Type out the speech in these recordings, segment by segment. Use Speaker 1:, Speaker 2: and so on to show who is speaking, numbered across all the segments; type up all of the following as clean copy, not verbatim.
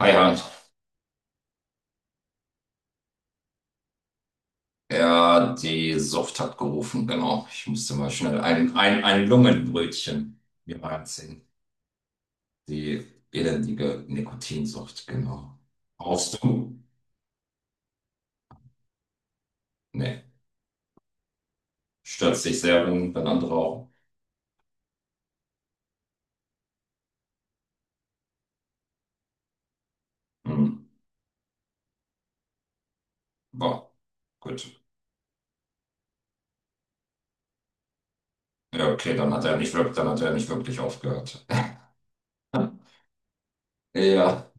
Speaker 1: Hi Hans, ja, die Sucht hat gerufen, genau. Ich musste mal schnell ein Lungenbrötchen mir reinziehen. Die elendige Nikotinsucht, genau. Rauchst du? Nee. Stört sich sehr, wenn andere rauchen. Hm. Boah, gut. Ja, okay, dann hat er nicht wirklich, dann hat er nicht wirklich aufgehört. Ja,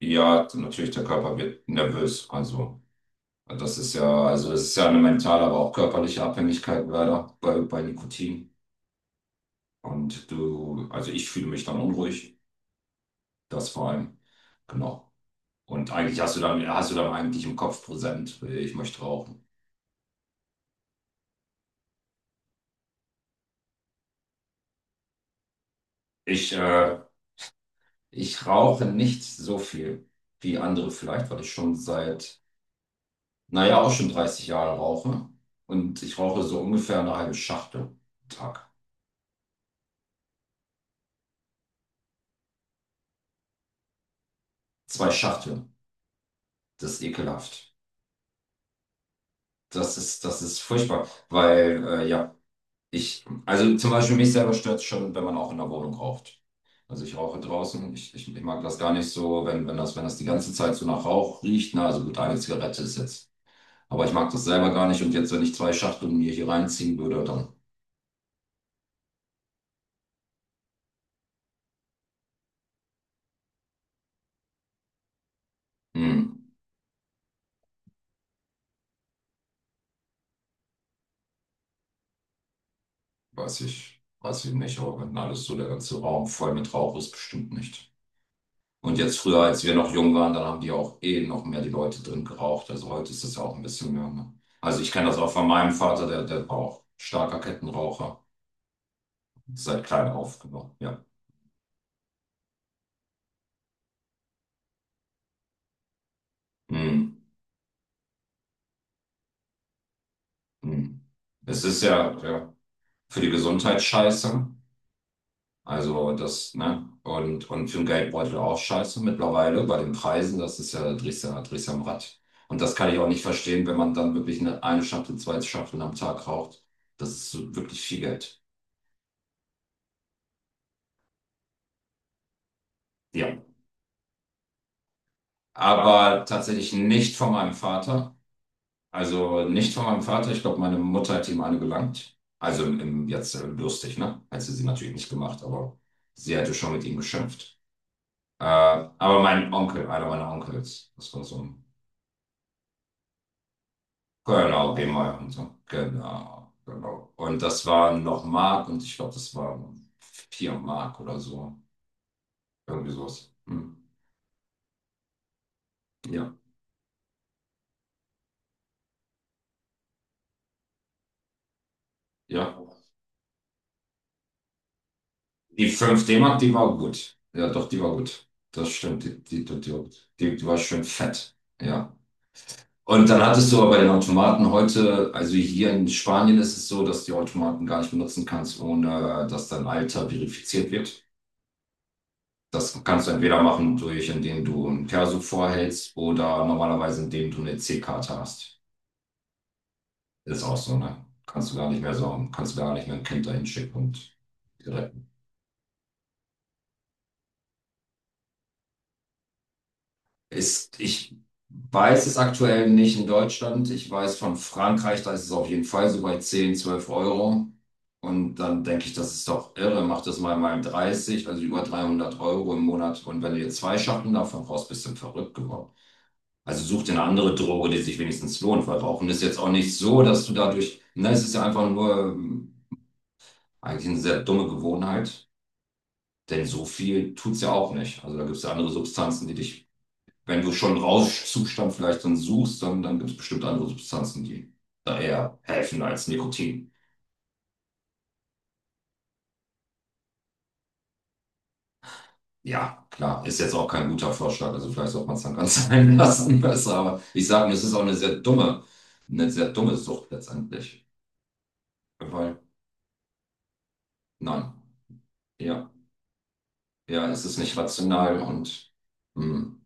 Speaker 1: ja, natürlich, der Körper wird nervös. Also, es ist ja eine mentale, aber auch körperliche Abhängigkeit leider bei Nikotin. Also ich fühle mich dann unruhig, das vor allem. Genau. Und eigentlich hast du dann eigentlich im Kopf präsent, ich möchte rauchen. Ich, äh, ich rauche nicht so viel wie andere vielleicht, weil ich schon seit, naja, auch schon 30 Jahre rauche. Und ich rauche so ungefähr eine halbe Schachtel am Tag. Zwei Schachteln. Das ist ekelhaft. Das ist furchtbar, weil, ja, also zum Beispiel mich selber stört es schon, wenn man auch in der Wohnung raucht. Also ich rauche draußen, ich mag das gar nicht so, wenn das die ganze Zeit so nach Rauch riecht. Na, also gut, eine Zigarette ist jetzt. Aber ich mag das selber gar nicht. Und jetzt, wenn ich zwei Schachteln mir hier reinziehen würde, dann, hm, weiß ich nicht. Aber wenn alles so der ganze Raum voll mit Rauch ist, bestimmt nicht. Und jetzt früher, als wir noch jung waren, dann haben die auch eh noch mehr die Leute drin geraucht. Also heute ist das ja auch ein bisschen mehr. Ne? Also ich kenne das auch von meinem Vater, der war auch starker Kettenraucher. Seit klein auf, genau, ja. Hm, hm. Es ist ja, ja für die Gesundheit scheiße. Also das, ne? Und für den Geldbeutel auch scheiße mittlerweile bei den Preisen. Das ist ja, da drehst du am Rad. Und das kann ich auch nicht verstehen, wenn man dann wirklich eine Schachtel, zwei Schachteln am Tag raucht. Das ist wirklich viel Geld. Ja. Aber tatsächlich nicht von meinem Vater. Also nicht von meinem Vater, ich glaube, meine Mutter hat ihm eine gelangt. Also jetzt lustig, ne? Hat sie sie natürlich nicht gemacht, aber sie hätte schon mit ihm geschimpft. Aber mein Onkel, einer meiner Onkels, das war so ein Genau, Rehmeier und so. Genau, genau. Und das war noch Mark und ich glaube, das war 4 Mark oder so. Irgendwie sowas. Hm. Ja, ja. Die 5 D-Mark, die war gut. Ja, doch, die war gut. Das stimmt, die war gut. Die war schön fett. Ja. Und dann hattest du aber den Automaten heute, also hier in Spanien ist es so, dass du die Automaten gar nicht benutzen kannst, ohne dass dein Alter verifiziert wird. Das kannst du entweder machen durch, indem du ein Perso vorhältst oder normalerweise indem du eine EC-Karte hast. Ist auch so, ne? Kannst du gar nicht mehr so, kannst du gar nicht mehr ein Kind dahin schicken und Ich weiß es aktuell nicht in Deutschland. Ich weiß von Frankreich, da ist es auf jeden Fall so bei 10, 12 Euro. Und dann denke ich, das ist doch irre. Mach das mal 30, also über 300 Euro im Monat. Und wenn du jetzt zwei Schachteln davon brauchst, bist du verrückt geworden. Also such dir eine andere Droge, die sich wenigstens lohnt, weil Rauchen ist jetzt auch nicht so, dass du dadurch, ne, es ist ja einfach nur eigentlich eine sehr dumme Gewohnheit, denn so viel tut's ja auch nicht. Also da gibt's ja andere Substanzen, die dich wenn du schon einen Rauschzustand vielleicht dann suchst, dann gibt es bestimmt andere Substanzen, die da eher helfen als Nikotin. Ja, klar, ist jetzt auch kein guter Vorschlag. Also vielleicht sollte man es dann ganz sein lassen besser. Aber ich sage mir, es ist auch eine sehr dumme Sucht letztendlich. Weil, nein, ja, ja, es ist nicht rational und hm,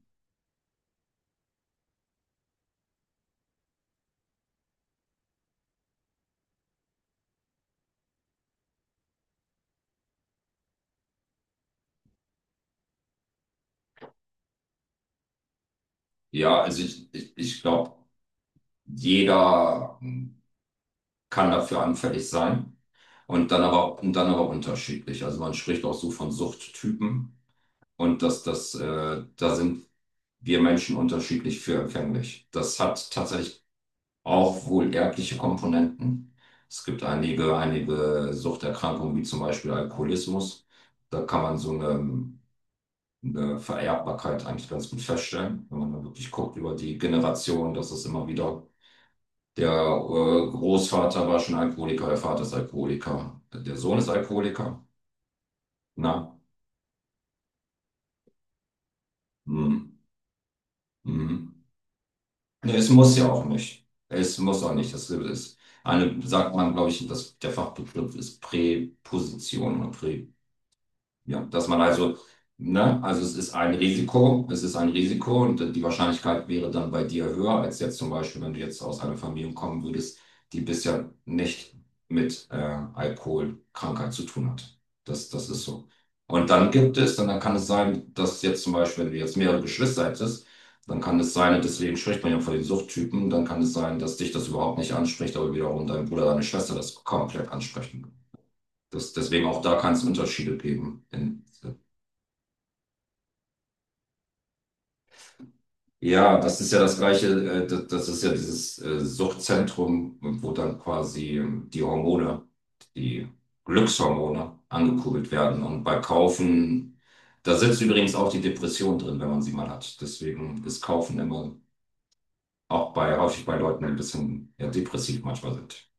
Speaker 1: ja, also ich glaube, jeder kann dafür anfällig sein. Und dann aber unterschiedlich. Also man spricht auch so von Suchttypen. Und da sind wir Menschen unterschiedlich für empfänglich. Das hat tatsächlich auch wohl erbliche Komponenten. Es gibt einige Suchterkrankungen, wie zum Beispiel Alkoholismus. Da kann man so eine Vererbbarkeit eigentlich ganz gut feststellen, wenn man da wirklich guckt über die Generation, dass es immer wieder der Großvater war schon Alkoholiker, der Vater ist Alkoholiker, der Sohn ist Alkoholiker. Na, mhm. Mhm. Nee, es muss ja auch nicht. Es muss auch nicht. Das ist eine, sagt man, glaube ich, dass der Fachbegriff ist Präposition oder Prä. Ja, dass man also, ne, also es ist ein Risiko, es ist ein Risiko und die Wahrscheinlichkeit wäre dann bei dir höher als jetzt zum Beispiel, wenn du jetzt aus einer Familie kommen würdest, die bisher nicht mit Alkoholkrankheit zu tun hat. Das, das ist so. Und dann gibt es, dann, dann kann es sein, dass jetzt zum Beispiel, wenn du jetzt mehrere Geschwister hättest, dann kann es sein, und deswegen spricht man ja von den Suchttypen, dann kann es sein, dass dich das überhaupt nicht anspricht, aber wiederum dein Bruder, deine Schwester das komplett ansprechen. Das, deswegen auch da kann es Unterschiede geben. In, Ja, das ist ja das Gleiche, das ist ja dieses Suchtzentrum, wo dann quasi die Hormone, die Glückshormone angekurbelt werden. Und bei Kaufen, da sitzt übrigens auch die Depression drin, wenn man sie mal hat. Deswegen ist Kaufen immer auch häufig bei Leuten, die ein bisschen ja, depressiv manchmal sind.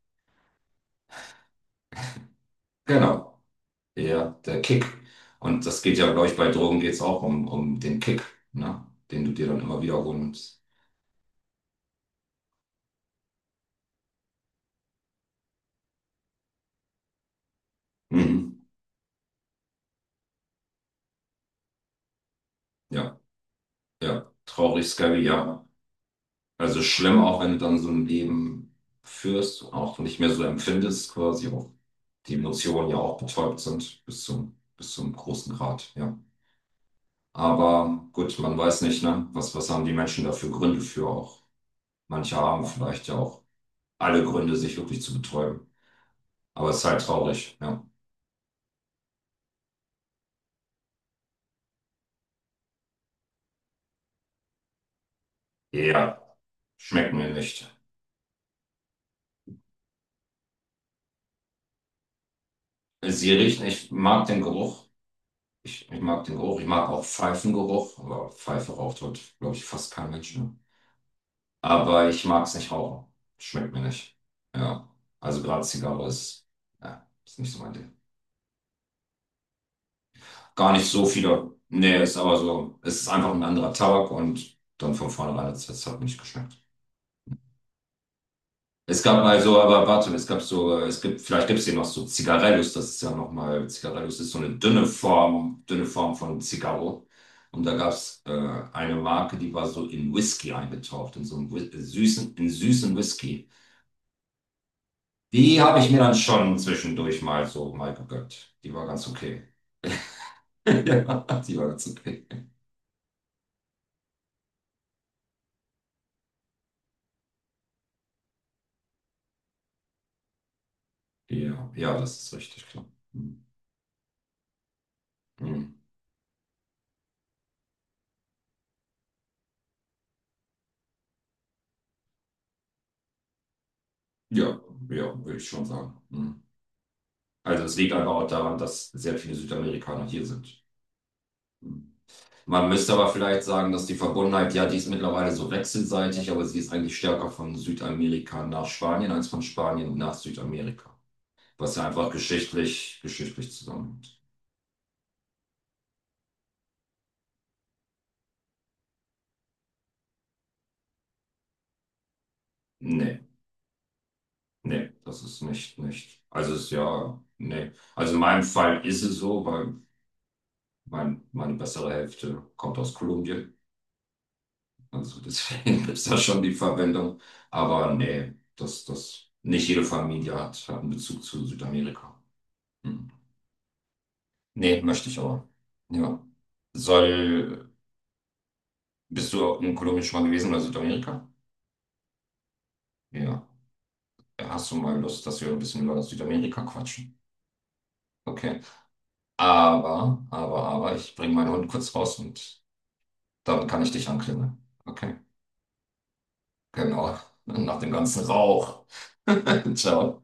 Speaker 1: Genau, ja, der Kick. Und das geht ja, glaube ich, bei Drogen geht es auch um den Kick, ne? Den du dir dann immer wieder holst. Mhm. Ja, ja, traurig, scary, ja. Also schlimm, auch wenn du dann so ein Leben führst, auch nicht mehr so empfindest, quasi auch die Emotionen ja auch betäubt sind bis zum großen Grad, ja. Aber gut, man weiß nicht, ne? Was haben die Menschen da für Gründe für auch? Manche haben vielleicht ja auch alle Gründe, sich wirklich zu betäuben. Aber es ist halt traurig, ja. Ja, schmeckt mir nicht. Sie riechen, ich mag den Geruch. Ich mag den Geruch. Ich mag auch Pfeifengeruch, aber Pfeife raucht heute, glaube ich, fast kein Mensch, ne? Aber ich mag es nicht rauchen. Schmeckt mir nicht. Ja. Also gerade Zigarre ist, ja, ist nicht so mein Ding. Gar nicht so viele. Nee, ist aber so. Es ist einfach ein anderer Tabak und dann von vornherein hat mir nicht geschmeckt. Es gab mal so, aber warte, es gab so, es gibt, vielleicht gibt es hier noch so Zigarellos, das ist ja nochmal, Zigarellos ist so eine dünne Form von Zigarro. Und da gab es eine Marke, die war so in Whisky eingetaucht, in so einen Whi- süßen, in süßen Whisky. Die habe ich mir dann schon zwischendurch mal so mal gegönnt. Die war ganz okay. Ja, die war ganz okay. Ja, ja, das ist richtig, klar. Hm. Hm. Ja, ja, würde ich schon sagen. Hm. Also es liegt einfach auch daran, dass sehr viele Südamerikaner hier sind. Hm. Man müsste aber vielleicht sagen, dass die Verbundenheit, ja, die ist mittlerweile so wechselseitig, aber sie ist eigentlich stärker von Südamerika nach Spanien als von Spanien nach Südamerika. Was ja einfach geschichtlich zusammenhängt. Nee. Nee, das ist nicht, nicht. Also ist ja, nee. Also in meinem Fall ist es so, weil meine bessere Hälfte kommt aus Kolumbien. Also deswegen ist das schon die Verwendung. Aber nee, nicht jede Familie hat einen Bezug zu Südamerika. Hm. Nee, möchte ich aber. Ja. Soll, bist du in Kolumbien schon mal gewesen oder Südamerika? Ja. Ja, hast du mal Lust, dass wir ein bisschen über Südamerika quatschen? Okay. Aber, ich bringe meinen Hund kurz raus und dann kann ich dich anklingeln. Okay, genau. Nach dem ganzen Rauch. Ciao.